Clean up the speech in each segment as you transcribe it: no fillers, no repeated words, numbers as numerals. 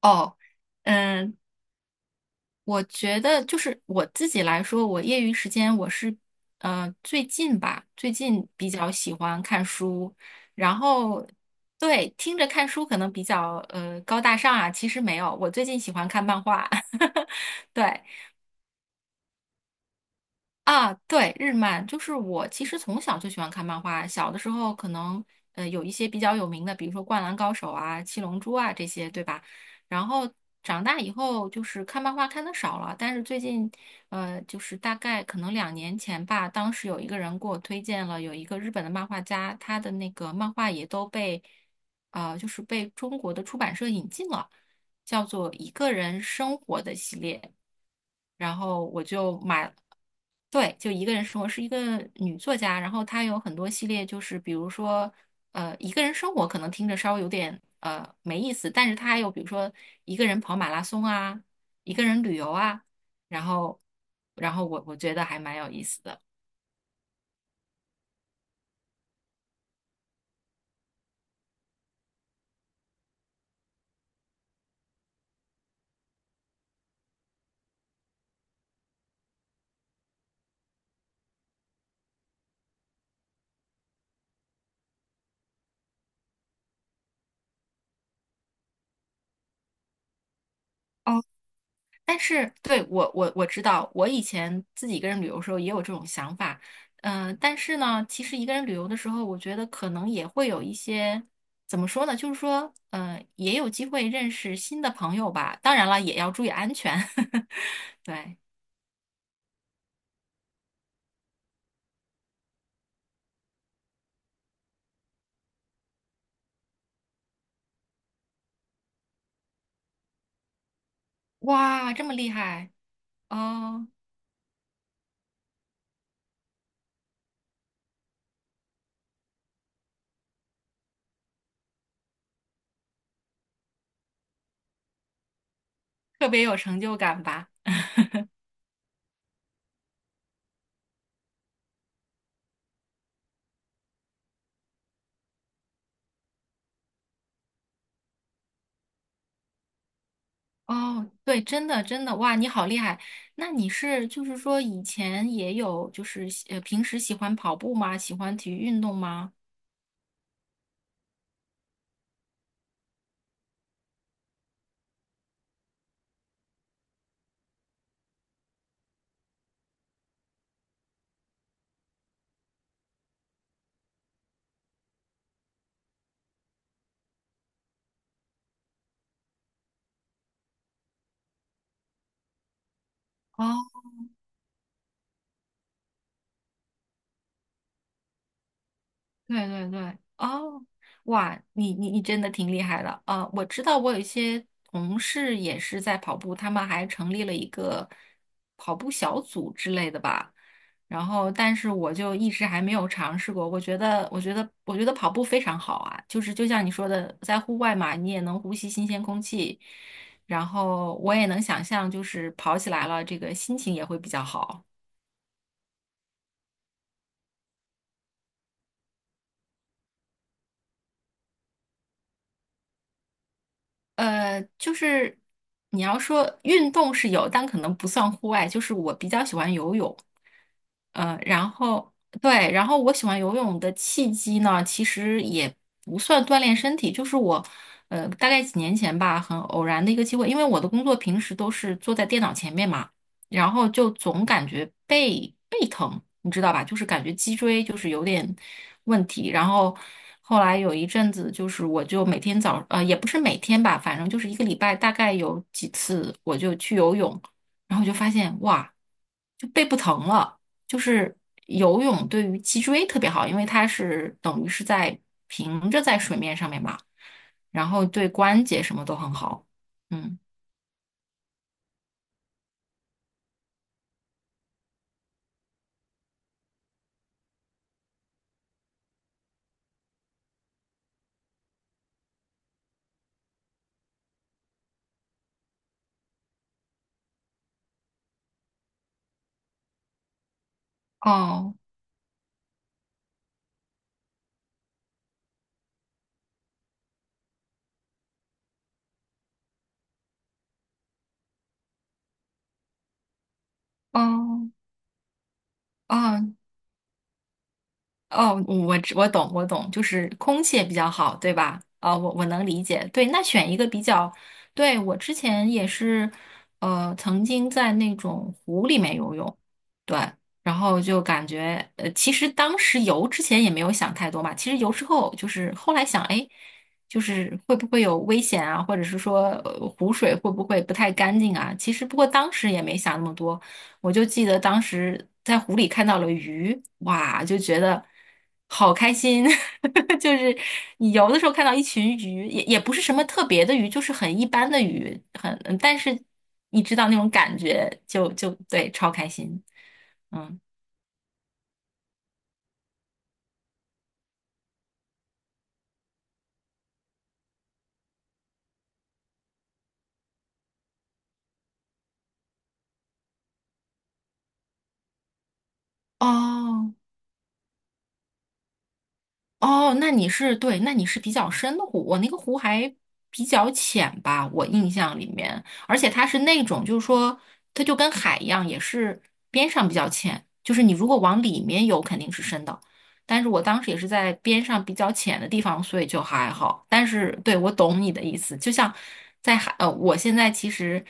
哦，嗯，我觉得就是我自己来说，我业余时间我是，最近吧，最近比较喜欢看书，然后对，听着看书可能比较高大上啊，其实没有，我最近喜欢看漫画。对，啊，对，日漫就是我其实从小就喜欢看漫画，小的时候可能有一些比较有名的，比如说《灌篮高手》啊、《七龙珠》啊这些，对吧？然后长大以后就是看漫画看的少了，但是最近就是大概可能2年前吧，当时有一个人给我推荐了有一个日本的漫画家，他的那个漫画也都被呃就是被中国的出版社引进了。叫做《一个人生活》的系列，然后我就买了。对，就一个人生活是一个女作家，然后她有很多系列，就是比如说，一个人生活可能听着稍微有点没意思，但是她还有比如说一个人跑马拉松啊，一个人旅游啊，然后，然后我觉得还蛮有意思的。哦。但是对我知道，我以前自己一个人旅游的时候也有这种想法。但是呢，其实一个人旅游的时候，我觉得可能也会有一些怎么说呢，就是说，也有机会认识新的朋友吧，当然了，也要注意安全。对，哇，这么厉害。哦，特别有成就感吧？哦，对，真的真的，哇，你好厉害！那你是就是说以前也有就是平时喜欢跑步吗？喜欢体育运动吗？哦，对对对，哦，哇，你真的挺厉害的。啊！我知道我有一些同事也是在跑步，他们还成立了一个跑步小组之类的吧。然后，但是我就一直还没有尝试过。我觉得，我觉得，我觉得跑步非常好啊，就是就像你说的，在户外嘛，你也能呼吸新鲜空气，然后我也能想象，就是跑起来了，这个心情也会比较好。就是你要说运动是有，但可能不算户外。就是我比较喜欢游泳，然后对，然后我喜欢游泳的契机呢，其实也不算锻炼身体，就是我，大概几年前吧，很偶然的一个机会，因为我的工作平时都是坐在电脑前面嘛。然后就总感觉背疼，你知道吧？就是感觉脊椎就是有点问题。然后后来有一阵子，就是我就每天早，也不是每天吧，反正就是一个礼拜大概有几次，我就去游泳，然后就发现哇，就背不疼了。就是游泳对于脊椎特别好，因为它等于是在平着在水面上面嘛，然后对关节什么都很好。嗯，哦哦哦，哦，我懂，我懂，就是空气也比较好，对吧？啊、我能理解。对，那选一个比较，对，我之前也是，曾经在那种湖里面游泳。对，然后就感觉，其实当时游之前也没有想太多嘛，其实游之后就是后来想，哎，就是会不会有危险啊，或者是说，湖水会不会不太干净啊？其实不过当时也没想那么多。我就记得当时在湖里看到了鱼，哇，就觉得好开心。就是你游的时候看到一群鱼，也也不是什么特别的鱼，就是很一般的鱼，很，但是你知道那种感觉就，对，超开心。嗯，哦，哦，那你是对，那你是比较深的湖，我那个湖还比较浅吧，我印象里面，而且它是那种，就是说，它就跟海一样，也是边上比较浅，就是你如果往里面游肯定是深的，但是我当时也是在边上比较浅的地方，所以就还好。但是对，我懂你的意思，就像在海，我现在其实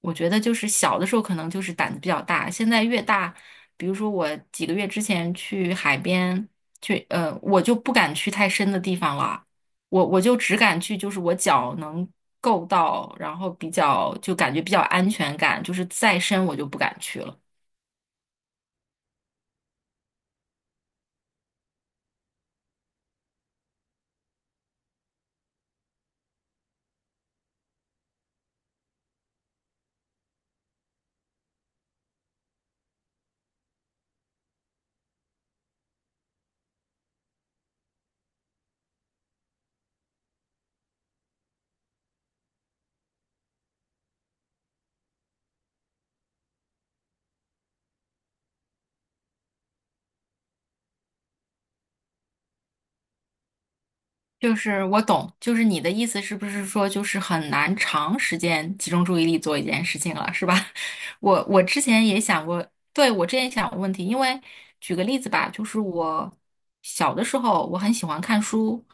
我觉得就是小的时候可能就是胆子比较大，现在越大。比如说我几个月之前去海边，去，我就不敢去太深的地方了，我就只敢去，就是我脚能够到，然后比较就感觉比较安全感，就是再深我就不敢去了。就是我懂，就是你的意思是不是说就是很难长时间集中注意力做一件事情了，是吧？我之前也想过，对，我之前也想过问题，因为举个例子吧，就是我小的时候我很喜欢看书，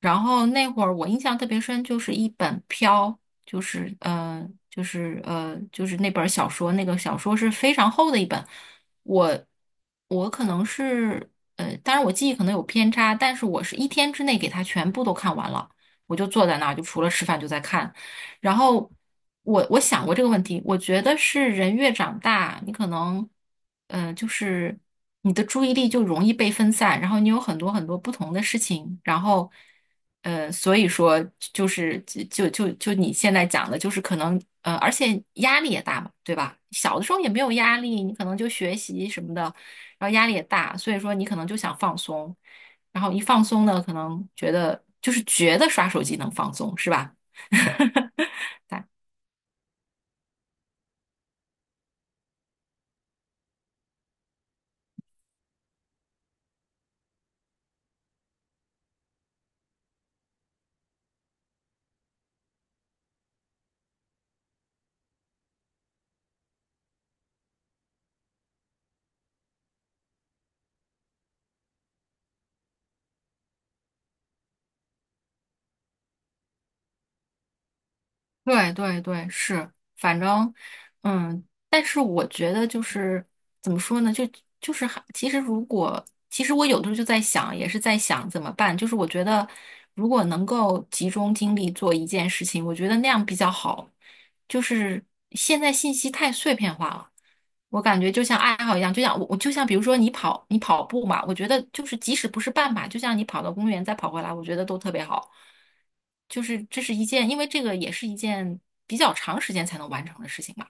然后那会儿我印象特别深，就是一本《飘》。就是那本儿小说，那个小说是非常厚的一本。我我可能是当然我记忆可能有偏差，但是我是一天之内给它全部都看完了。我就坐在那儿，就除了吃饭就在看，然后我想过这个问题，我觉得是人越长大，你可能，就是你的注意力就容易被分散，然后你有很多很多不同的事情，然后，所以说就是就就就你现在讲的，就是可能，而且压力也大嘛，对吧？小的时候也没有压力，你可能就学习什么的，然后压力也大，所以说你可能就想放松，然后一放松呢，可能觉得刷手机能放松，是吧？对对对，是，反正，但是我觉得就是怎么说呢，就是还其实如果其实我有的时候就在想，也是在想怎么办。就是我觉得如果能够集中精力做一件事情，我觉得那样比较好。就是现在信息太碎片化了，我感觉就像爱好一样，就像我就像比如说你跑步嘛，我觉得就是即使不是半马，就像你跑到公园再跑回来，我觉得都特别好。就是这是一件，因为这个也是一件比较长时间才能完成的事情嘛。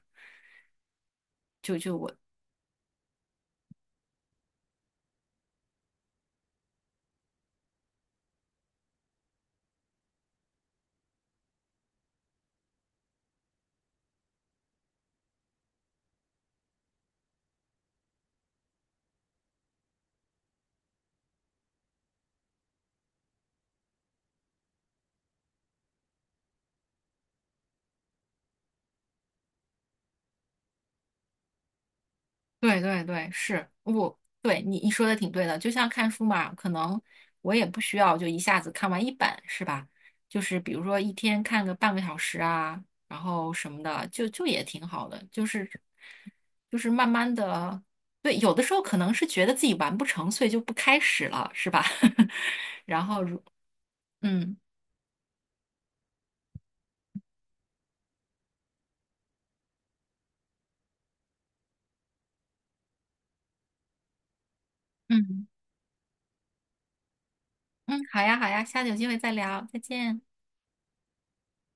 对对对，是我对你说的挺对的，就像看书嘛，可能我也不需要就一下子看完一本，是吧？就是比如说一天看个半个小时啊，然后什么的，就也挺好的，就是就是慢慢的，对，有的时候可能是觉得自己完不成，所以就不开始了，是吧？然后嗯嗯嗯，好呀好呀，下次有机会再聊，再见。